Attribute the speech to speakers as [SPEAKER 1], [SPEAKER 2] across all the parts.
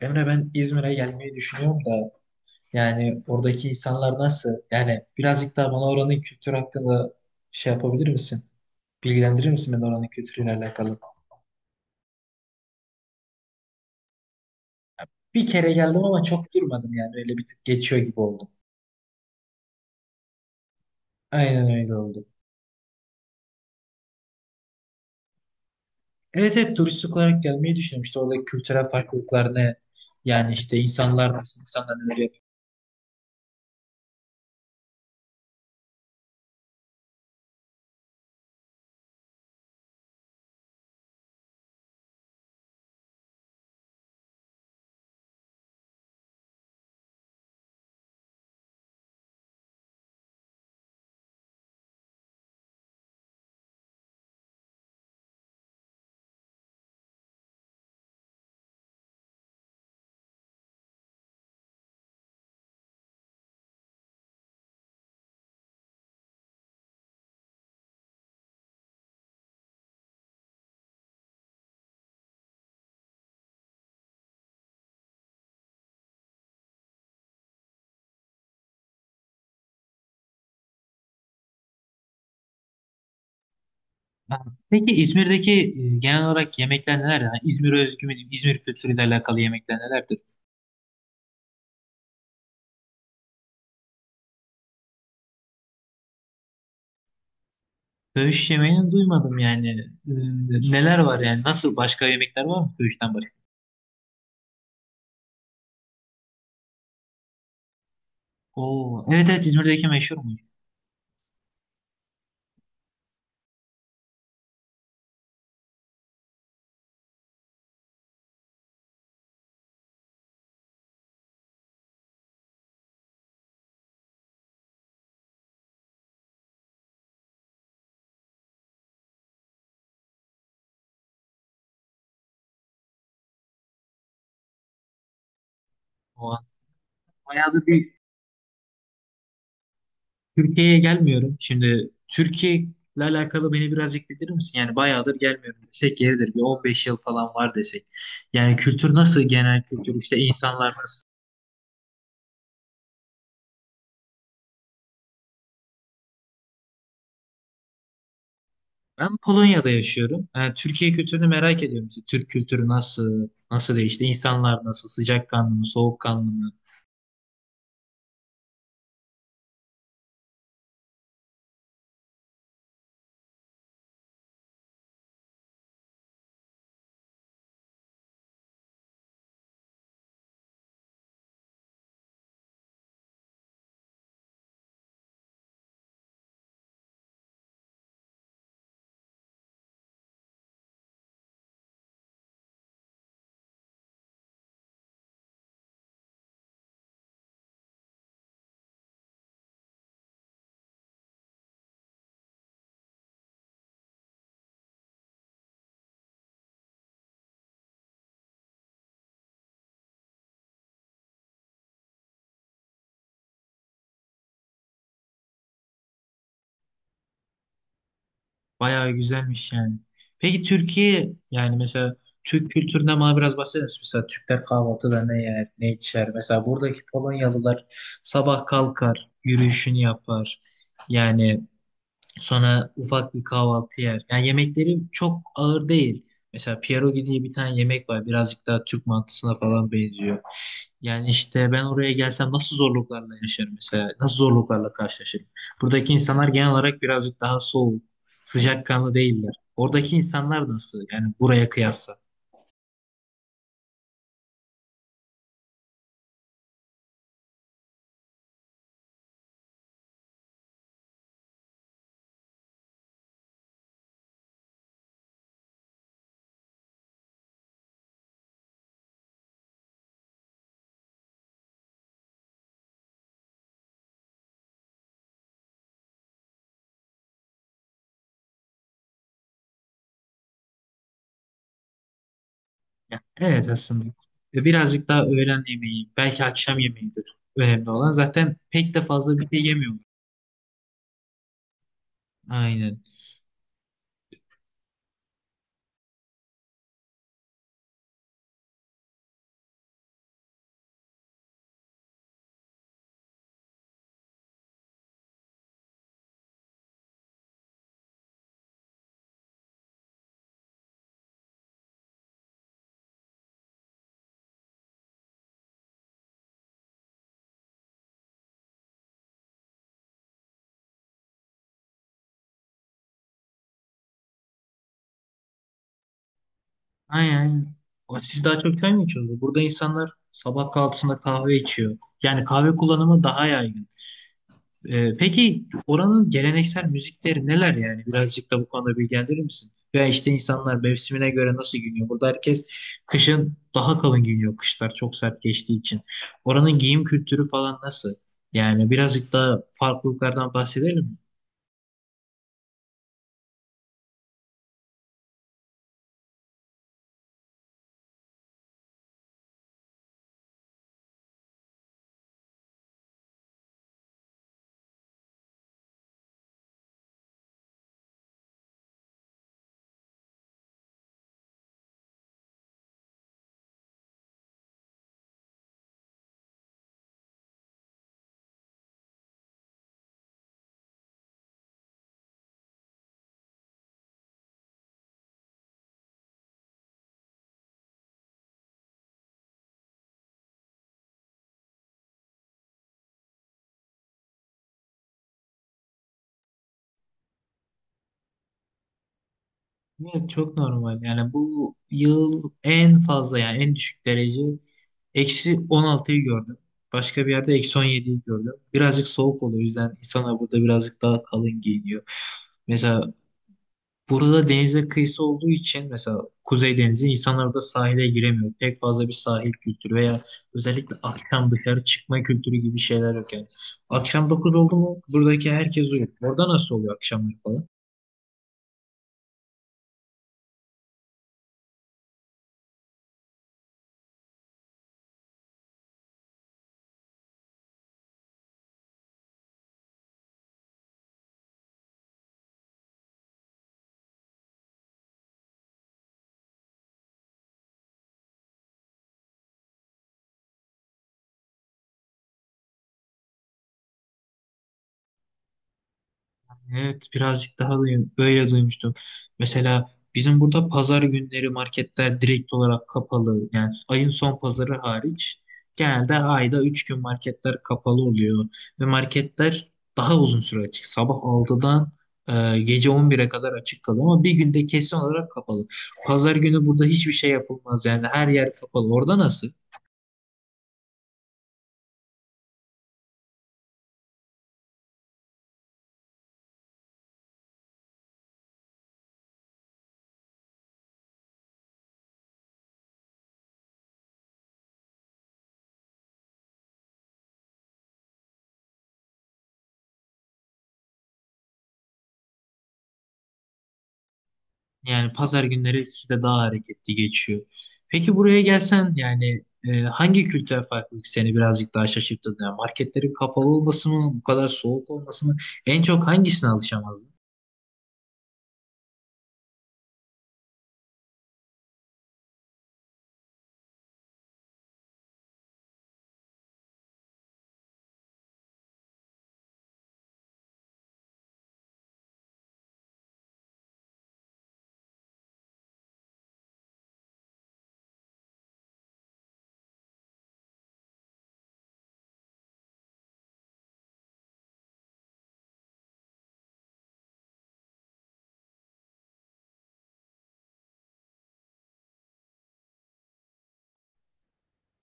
[SPEAKER 1] Emre ben İzmir'e gelmeyi düşünüyorum da yani oradaki insanlar nasıl? Yani birazcık daha bana oranın kültürü hakkında şey yapabilir misin? Bilgilendirir misin beni oranın kültürüyle alakalı? Bir kere geldim ama çok durmadım yani öyle bir tık geçiyor gibi oldu. Aynen öyle oldu. Evet, evet, turistik olarak gelmeyi düşünüyorum. İşte oradaki kültürel farklılıklar ne? Yani işte insanlar nasıl, insanlar neler yapıyor. Ha, peki İzmir'deki genel olarak yemekler nelerdir? Yani İzmir'e özgü mü diyeyim? İzmir kültürüyle alakalı yemekler nelerdir? Söğüş yemeğini duymadım yani. Neler var yani? Nasıl başka yemekler var mı söğüşten başka? Oo, evet, evet, İzmir'deki meşhurmuş. O an. Bayağıdır bir Türkiye'ye gelmiyorum. Şimdi Türkiye'yle alakalı beni birazcık bilir misin? Yani bayağıdır gelmiyorum desek yeridir. Bir 15 yıl falan var desek. Yani kültür nasıl? Genel kültür işte insanlar nasıl? Ben Polonya'da yaşıyorum. Yani Türkiye kültürünü merak ediyorum. İşte Türk kültürü nasıl? Nasıl değişti? İnsanlar nasıl? Sıcakkanlı mı? Soğukkanlı mı? Bayağı güzelmiş yani. Peki Türkiye yani mesela Türk kültüründen bana biraz bahseder misin? Mesela Türkler kahvaltıda ne yer, ne içer? Mesela buradaki Polonyalılar sabah kalkar, yürüyüşünü yapar. Yani sonra ufak bir kahvaltı yer. Yani yemekleri çok ağır değil. Mesela pierogi diye bir tane yemek var. Birazcık daha Türk mantısına falan benziyor. Yani işte ben oraya gelsem nasıl zorluklarla yaşarım mesela? Nasıl zorluklarla karşılaşırım? Buradaki insanlar genel olarak birazcık daha soğuk, sıcakkanlı değiller. Oradaki insanlar nasıl? Yani buraya kıyasla. Ya, evet, aslında. Ve birazcık daha öğlen yemeği, belki akşam yemeğidir önemli olan. Zaten pek de fazla bir şey yemiyorlar. Aynen. Aynen. Aynen. O, siz daha çok çay mı içiyorsunuz? Burada insanlar sabah kahvaltısında kahve içiyor. Yani kahve kullanımı daha yaygın. Peki oranın geleneksel müzikleri neler yani? Birazcık da bu konuda bilgilendirir misin? Veya işte insanlar mevsimine göre nasıl giyiniyor? Burada herkes kışın daha kalın giyiniyor. Kışlar çok sert geçtiği için. Oranın giyim kültürü falan nasıl? Yani birazcık daha farklılıklardan bahsedelim mi? Evet, çok normal. Yani bu yıl en fazla yani en düşük derece eksi 16'yı gördüm. Başka bir yerde eksi 17'yi gördüm. Birazcık soğuk oluyor. O yüzden insanlar burada birazcık daha kalın giyiniyor. Mesela burada denize kıyısı olduğu için mesela Kuzey Denizi insanlar da sahile giremiyor. Pek fazla bir sahil kültürü veya özellikle akşam dışarı çıkma kültürü gibi şeyler yok yani. Akşam 9 oldu mu buradaki herkes uyuyor. Orada nasıl oluyor akşamları falan? Evet, birazcık daha böyle duymuştum. Mesela bizim burada pazar günleri marketler direkt olarak kapalı. Yani ayın son pazarı hariç genelde ayda 3 gün marketler kapalı oluyor. Ve marketler daha uzun süre açık. Sabah 6'dan gece 11'e kadar açık kalıyor ama bir günde kesin olarak kapalı. Pazar günü burada hiçbir şey yapılmaz. Yani her yer kapalı. Orada nasıl? Yani pazar günleri sizde daha hareketli geçiyor. Peki buraya gelsen yani hangi kültürel farklılık seni birazcık daha şaşırttı? Yani marketlerin kapalı olması mı, bu kadar soğuk olması mı? En çok hangisine alışamazdın?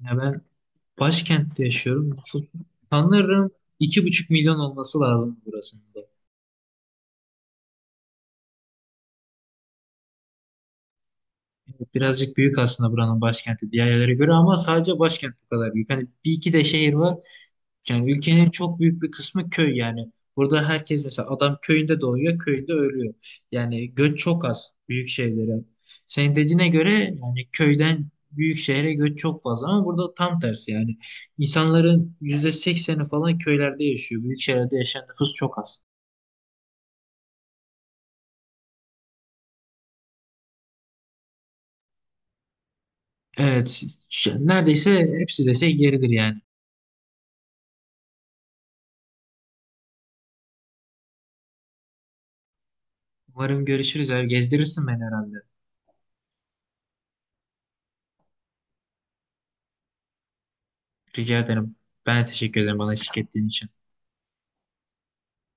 [SPEAKER 1] Ya ben başkentte yaşıyorum. Sanırım 2,5 milyon olması lazım burasında. Evet, birazcık büyük aslında buranın başkenti diğer yerlere göre ama sadece başkent bu kadar büyük. Hani bir iki de şehir var. Yani ülkenin çok büyük bir kısmı köy yani. Burada herkes mesela adam köyünde doğuyor, köyünde ölüyor. Yani göç çok az büyük şehirlere. Senin dediğine göre yani köyden büyük şehre göç çok fazla ama burada tam tersi yani. İnsanların %80'i falan köylerde yaşıyor. Büyük şehirlerde yaşayan nüfus çok az. Evet, neredeyse hepsi dese yeridir yani. Umarım görüşürüz abi. Gezdirirsin beni herhalde. Rica ederim. Ben de teşekkür ederim bana eşlik ettiğin için.